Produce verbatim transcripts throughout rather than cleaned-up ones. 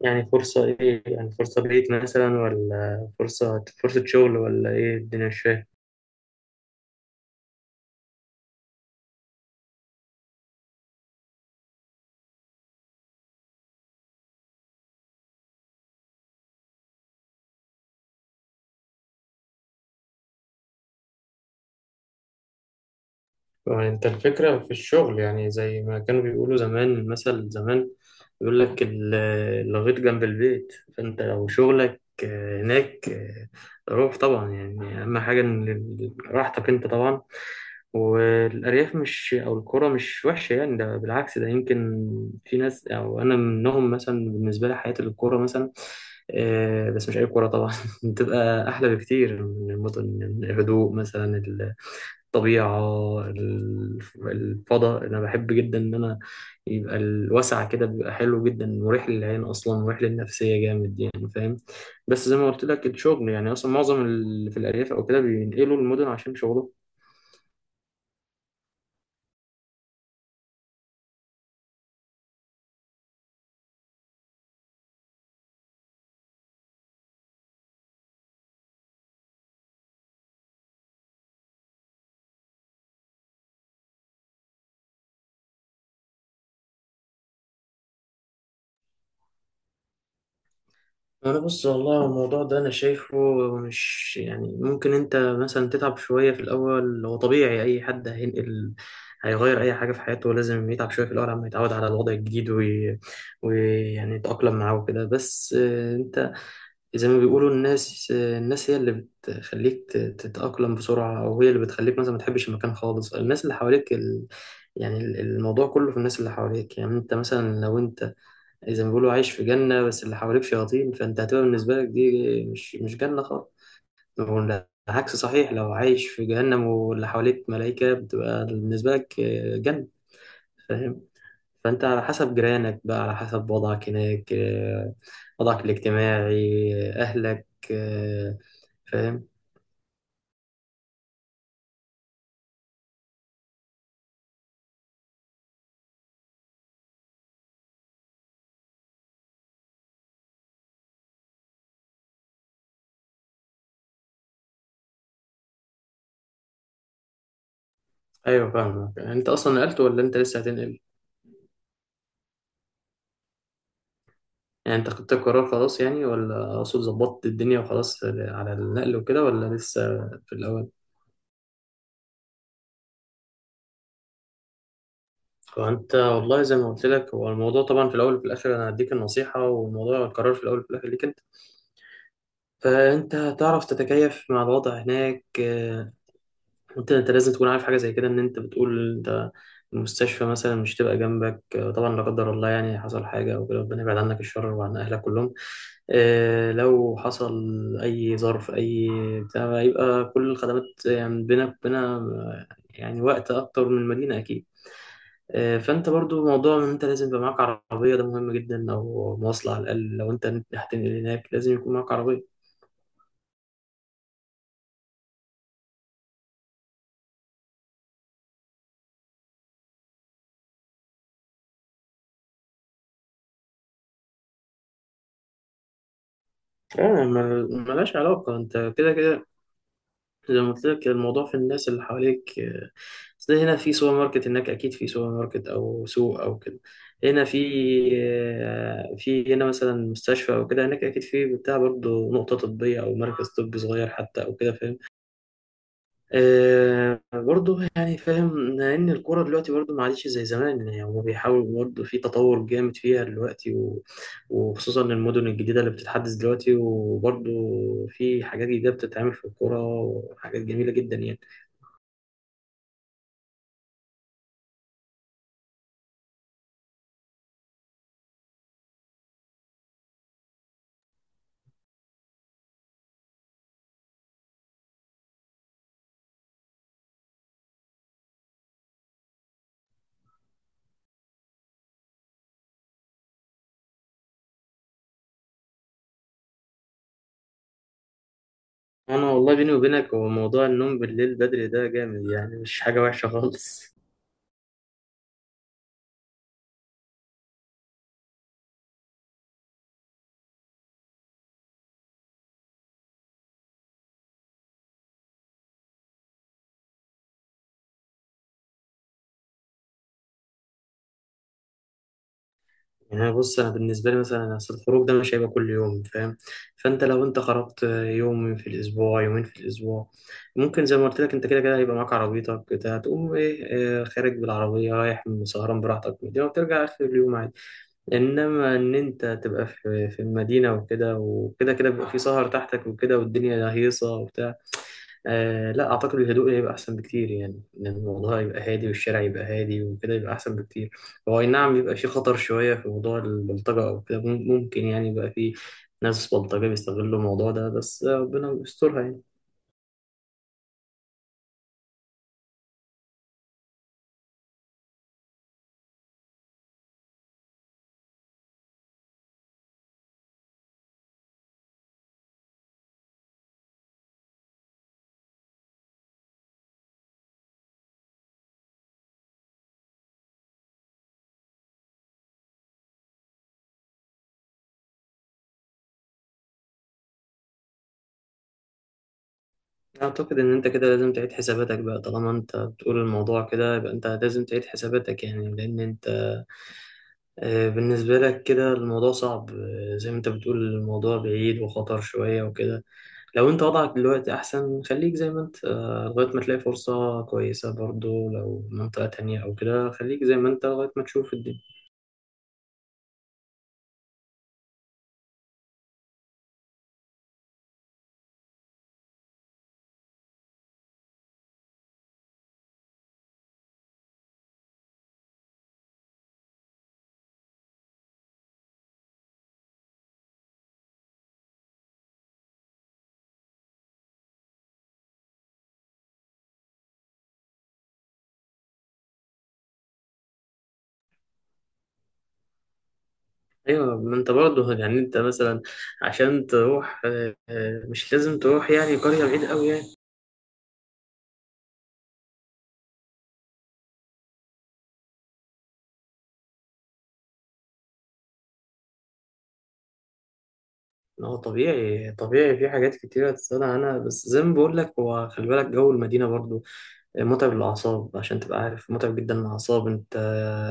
يعني فرصة إيه، يعني فرصة بعيد مثلا ولا فرصة فرصة شغل ولا إيه؟ الدنيا مش فاهم. فأنت الفكرة في الشغل، يعني زي ما كانوا بيقولوا زمان، المثل زمان يقول لك ال- الغيط جنب البيت. فأنت لو شغلك آه، هناك، آه، روح طبعا. يعني أهم حاجة إن ال- راحتك أنت طبعا، والأرياف مش أو القرى مش وحشة. يعني ده بالعكس، ده يمكن في ناس أو أنا منهم مثلا، بالنسبة لي حياة القرى مثلا، آه، بس مش أي قرى طبعا، بتبقى أحلى بكتير من المدن، من الهدوء مثلا، الطبيعة، الف- الفضاء. أنا بحب جدا إن أنا يبقى الوسع كده، بيبقى حلو جدا، مريح للعين أصلا، مريح للنفسية جامد، يعني فاهم. بس زي ما قلت لك، الشغل يعني أصلا معظم اللي في الأرياف أو كده بينقلوا المدن عشان شغلهم. انا بص، والله الموضوع ده انا شايفه مش، يعني ممكن انت مثلا تتعب شويه في الاول، هو طبيعي اي حد هينقل هيغير اي حاجه في حياته لازم يتعب شويه في الاول، عم يتعود على الوضع الجديد وي... ويعني يتاقلم معاه وكده. بس آه، انت زي ما بيقولوا الناس الناس هي اللي بتخليك ت- تتأقلم بسرعة، أو هي اللي بتخليك مثلا ما تحبش المكان خالص. الناس اللي حواليك ال... يعني ال- الموضوع كله في الناس اللي حواليك. يعني أنت مثلا لو أنت زي ما بيقولوا عايش في جنة بس اللي حواليك شياطين، فأنت هتبقى بالنسبة لك دي مش مش جنة خالص. والعكس صحيح، لو عايش في جهنم واللي حواليك ملائكة بتبقى بالنسبة لك جنة، فاهم. فأنت على حسب جيرانك بقى، على حسب وضعك هناك، آه، وضعك الاجتماعي، آه، أهلك، آه، فاهم. ايوه فاهمك. انت اصلا نقلت ولا انت لسه هتنقل؟ يعني انت خدت القرار خلاص، يعني ولا اقصد ظبطت الدنيا وخلاص على النقل وكده، ولا لسه في الاول؟ فانت والله زي ما قلت لك، هو الموضوع طبعا في الاول وفي الاخر انا هديك النصيحه، والموضوع القرار في الاول وفي الاخر ليك انت. فانت هتعرف تتكيف مع الوضع هناك؟ آه، انت انت لازم تكون عارف حاجه زي كده، ان انت بتقول انت المستشفى مثلا مش تبقى جنبك، آه، طبعا لا قدر الله يعني حصل حاجه او كده، ربنا يبعد عنك الشر وعن اهلك كلهم. آه، لو حصل اي ظرف اي بتاع، يبقى كل الخدمات يعني بينك وبينها يعني وقت اكتر من المدينه اكيد. آه، فانت برضو موضوع ان انت لازم يبقى معاك عربيه ده مهم جدا، او مواصله على الاقل. لو انت هتنقل هناك لازم يكون معاك عربيه. آه، مل- ملهاش علاقه، انت كده كده زي ما قلت لك الموضوع في الناس اللي حواليك. آه، أصل هنا في سوبر ماركت، هناك أكيد في سوبر ماركت أو سوق أو كده. هنا في آه، في هنا مثلا مستشفى أو كده، هناك أكيد في بتاع برضه نقطة طبية أو مركز طبي صغير حتى أو كده، فاهم. آه، برضه يعني فاهم إن الكورة دلوقتي برضه ما عادتش زي زمان، يعني هما بيحاولوا برضه في تطور جامد فيها دلوقتي و... وخصوصا المدن الجديدة اللي بتتحدث دلوقتي، وبرضه في حاجات جديدة بتتعمل في الكورة، وحاجات جميلة جدا يعني. انا والله بيني وبينك هو موضوع النوم بالليل بدري ده جامد، يعني مش حاجه وحشه خالص. يعني أنا بص، انا بالنسبه لي مثلا اصل الخروج ده مش هيبقى كل يوم، فاهم. فانت لو انت خرجت يوم في الاسبوع، يومين في الاسبوع، ممكن زي ما قلت لك انت كده كده هيبقى معاك عربيتك بتاع، تقوم ايه؟ آه، خارج بالعربيه، رايح سهران براحتك دي، وترجع اخر اليوم عادي. انما ان انت تبقى في في المدينه وكده وكده، كده بيبقى في سهر تحتك وكده، والدنيا هيصه وبتاع. آه لا اعتقد الهدوء هيبقى احسن بكتير، يعني ان الموضوع يبقى هادي والشارع يبقى هادي وكده يبقى احسن بكتير. هو اي نعم يبقى في خطر شويه في موضوع البلطجه او كده، مم- ممكن يعني يبقى في ناس بلطجه بيستغلوا الموضوع ده، بس ربنا يسترها يعني. اعتقد ان انت كده لازم تعيد حساباتك بقى، طالما انت بتقول الموضوع كده يبقى انت لازم تعيد حساباتك، يعني لان انت آه، بالنسبة لك كده الموضوع صعب، آه، زي ما انت بتقول الموضوع بعيد وخطر شوية وكده. لو انت وضعك دلوقتي احسن، خليك زي ما انت، آه، لغاية ما تلاقي فرصة كويسة. برضو لو منطقة تانية او كده خليك زي ما انت لغاية ما تشوف الدنيا. ايوه، ما انت برضو يعني انت مثلا عشان تروح آه، آه، مش لازم تروح يعني قرية بعيد قوي يعني. ما هو طبيعي، طبيعي في حاجات كتيرة تستغنى عنها، بس زي ما بقول لك هو خلي بالك جو المدينة برضو متعب للأعصاب، عشان تبقى عارف متعب جدا للأعصاب. أنت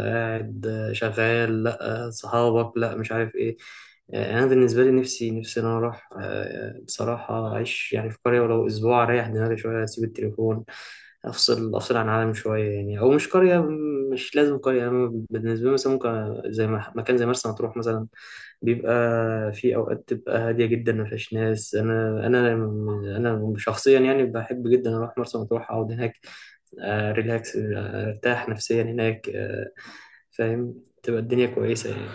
قاعد شغال، لأ صحابك، لأ مش عارف إيه. آه، أنا بالنسبة لي نفسي، نفسي إن أنا أروح، آه، بصراحة أعيش يعني في قرية ولو أسبوع أريح دماغي شوية، أسيب التليفون، أفصل أفصل عن العالم شوية يعني، أو مش قرية، مش لازم قرية. أنا بالنسبة لي مثلا ممكن زي ما مكان زي مرسى مطروح مثلا، بيبقى في اوقات تبقى هاديه جدا ما فيهاش ناس. انا انا انا شخصيا يعني بحب جدا اروح مرسى مطروح اقعد هناك، آه، ريلاكس، آه، ارتاح نفسيا هناك، آه، فاهم، تبقى الدنيا كويسة يعني.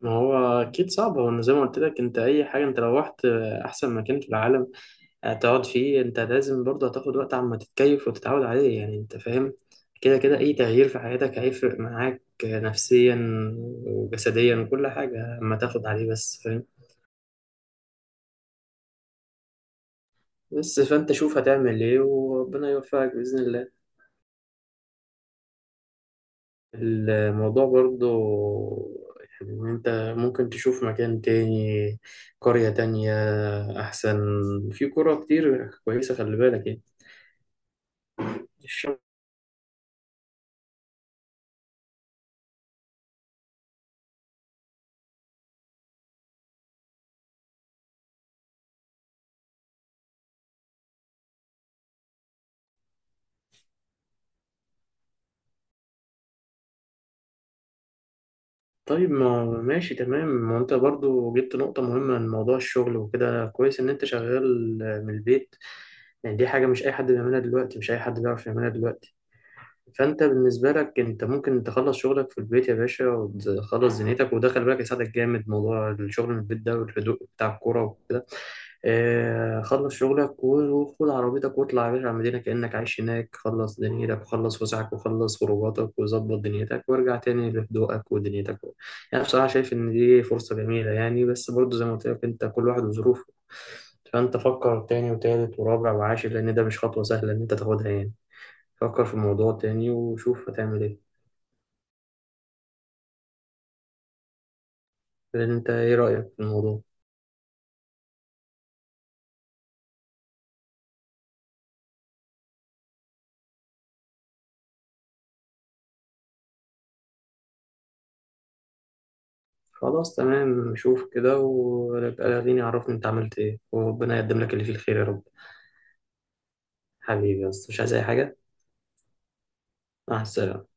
ما هو أكيد صعب، هو أنا زي ما قلت لك أنت، أي حاجة أنت لو رحت، آه، أحسن مكان في العالم هتقعد فيه، أنت لازم برضه هتاخد وقت عما تتكيف وتتعود عليه، يعني أنت فاهم. كده كده أي تغيير في حياتك هيفرق معاك، آه، نفسيا وجسديا وكل حاجة، أما تاخد عليه بس، فاهم. بس فأنت شوف هتعمل إيه، وربنا يوفقك بإذن الله. الموضوع برضو يعني إن أنت ممكن تشوف مكان تاني، قرية تانية أحسن، في قرى كتير كويسة، خلي بالك يعني. الشغل، طيب ما ماشي تمام، ما أنت برضو جبت نقطة مهمة من موضوع الشغل وكده، كويس إن أنت شغال من البيت. يعني دي حاجة مش أي حد بيعملها دلوقتي، مش أي حد بيعرف يعملها دلوقتي. فانت بالنسبه لك انت ممكن تخلص شغلك في البيت يا باشا وتخلص دنيتك، وده خلي بالك يساعدك جامد موضوع الشغل من البيت ده، والهدوء بتاع الكوره وكده. آه، خلص شغلك وخد عربيتك واطلع يا باشا على المدينه كانك عايش هناك، خلص دنيتك وخلص وسعك وخلص خروجاتك وظبط دنيتك، وارجع تاني لهدوءك ودنيتك. يعني بصراحه شايف ان دي فرصه جميله يعني، بس برضو زي ما قلت لك انت كل واحد وظروفه. فانت فكر تاني وتالت ورابع وعاشر، لان ده مش خطوه سهله ان انت تاخدها يعني. فكر في الموضوع تاني وشوف هتعمل ايه، لان انت ايه رأيك في الموضوع؟ خلاص تمام، شوف كده ويبقى لاغيني عرفني انت عملت ايه، وربنا يقدم لك اللي فيه الخير يا رب. حبيبي بس، مش عايز اي حاجة. مع السلامة.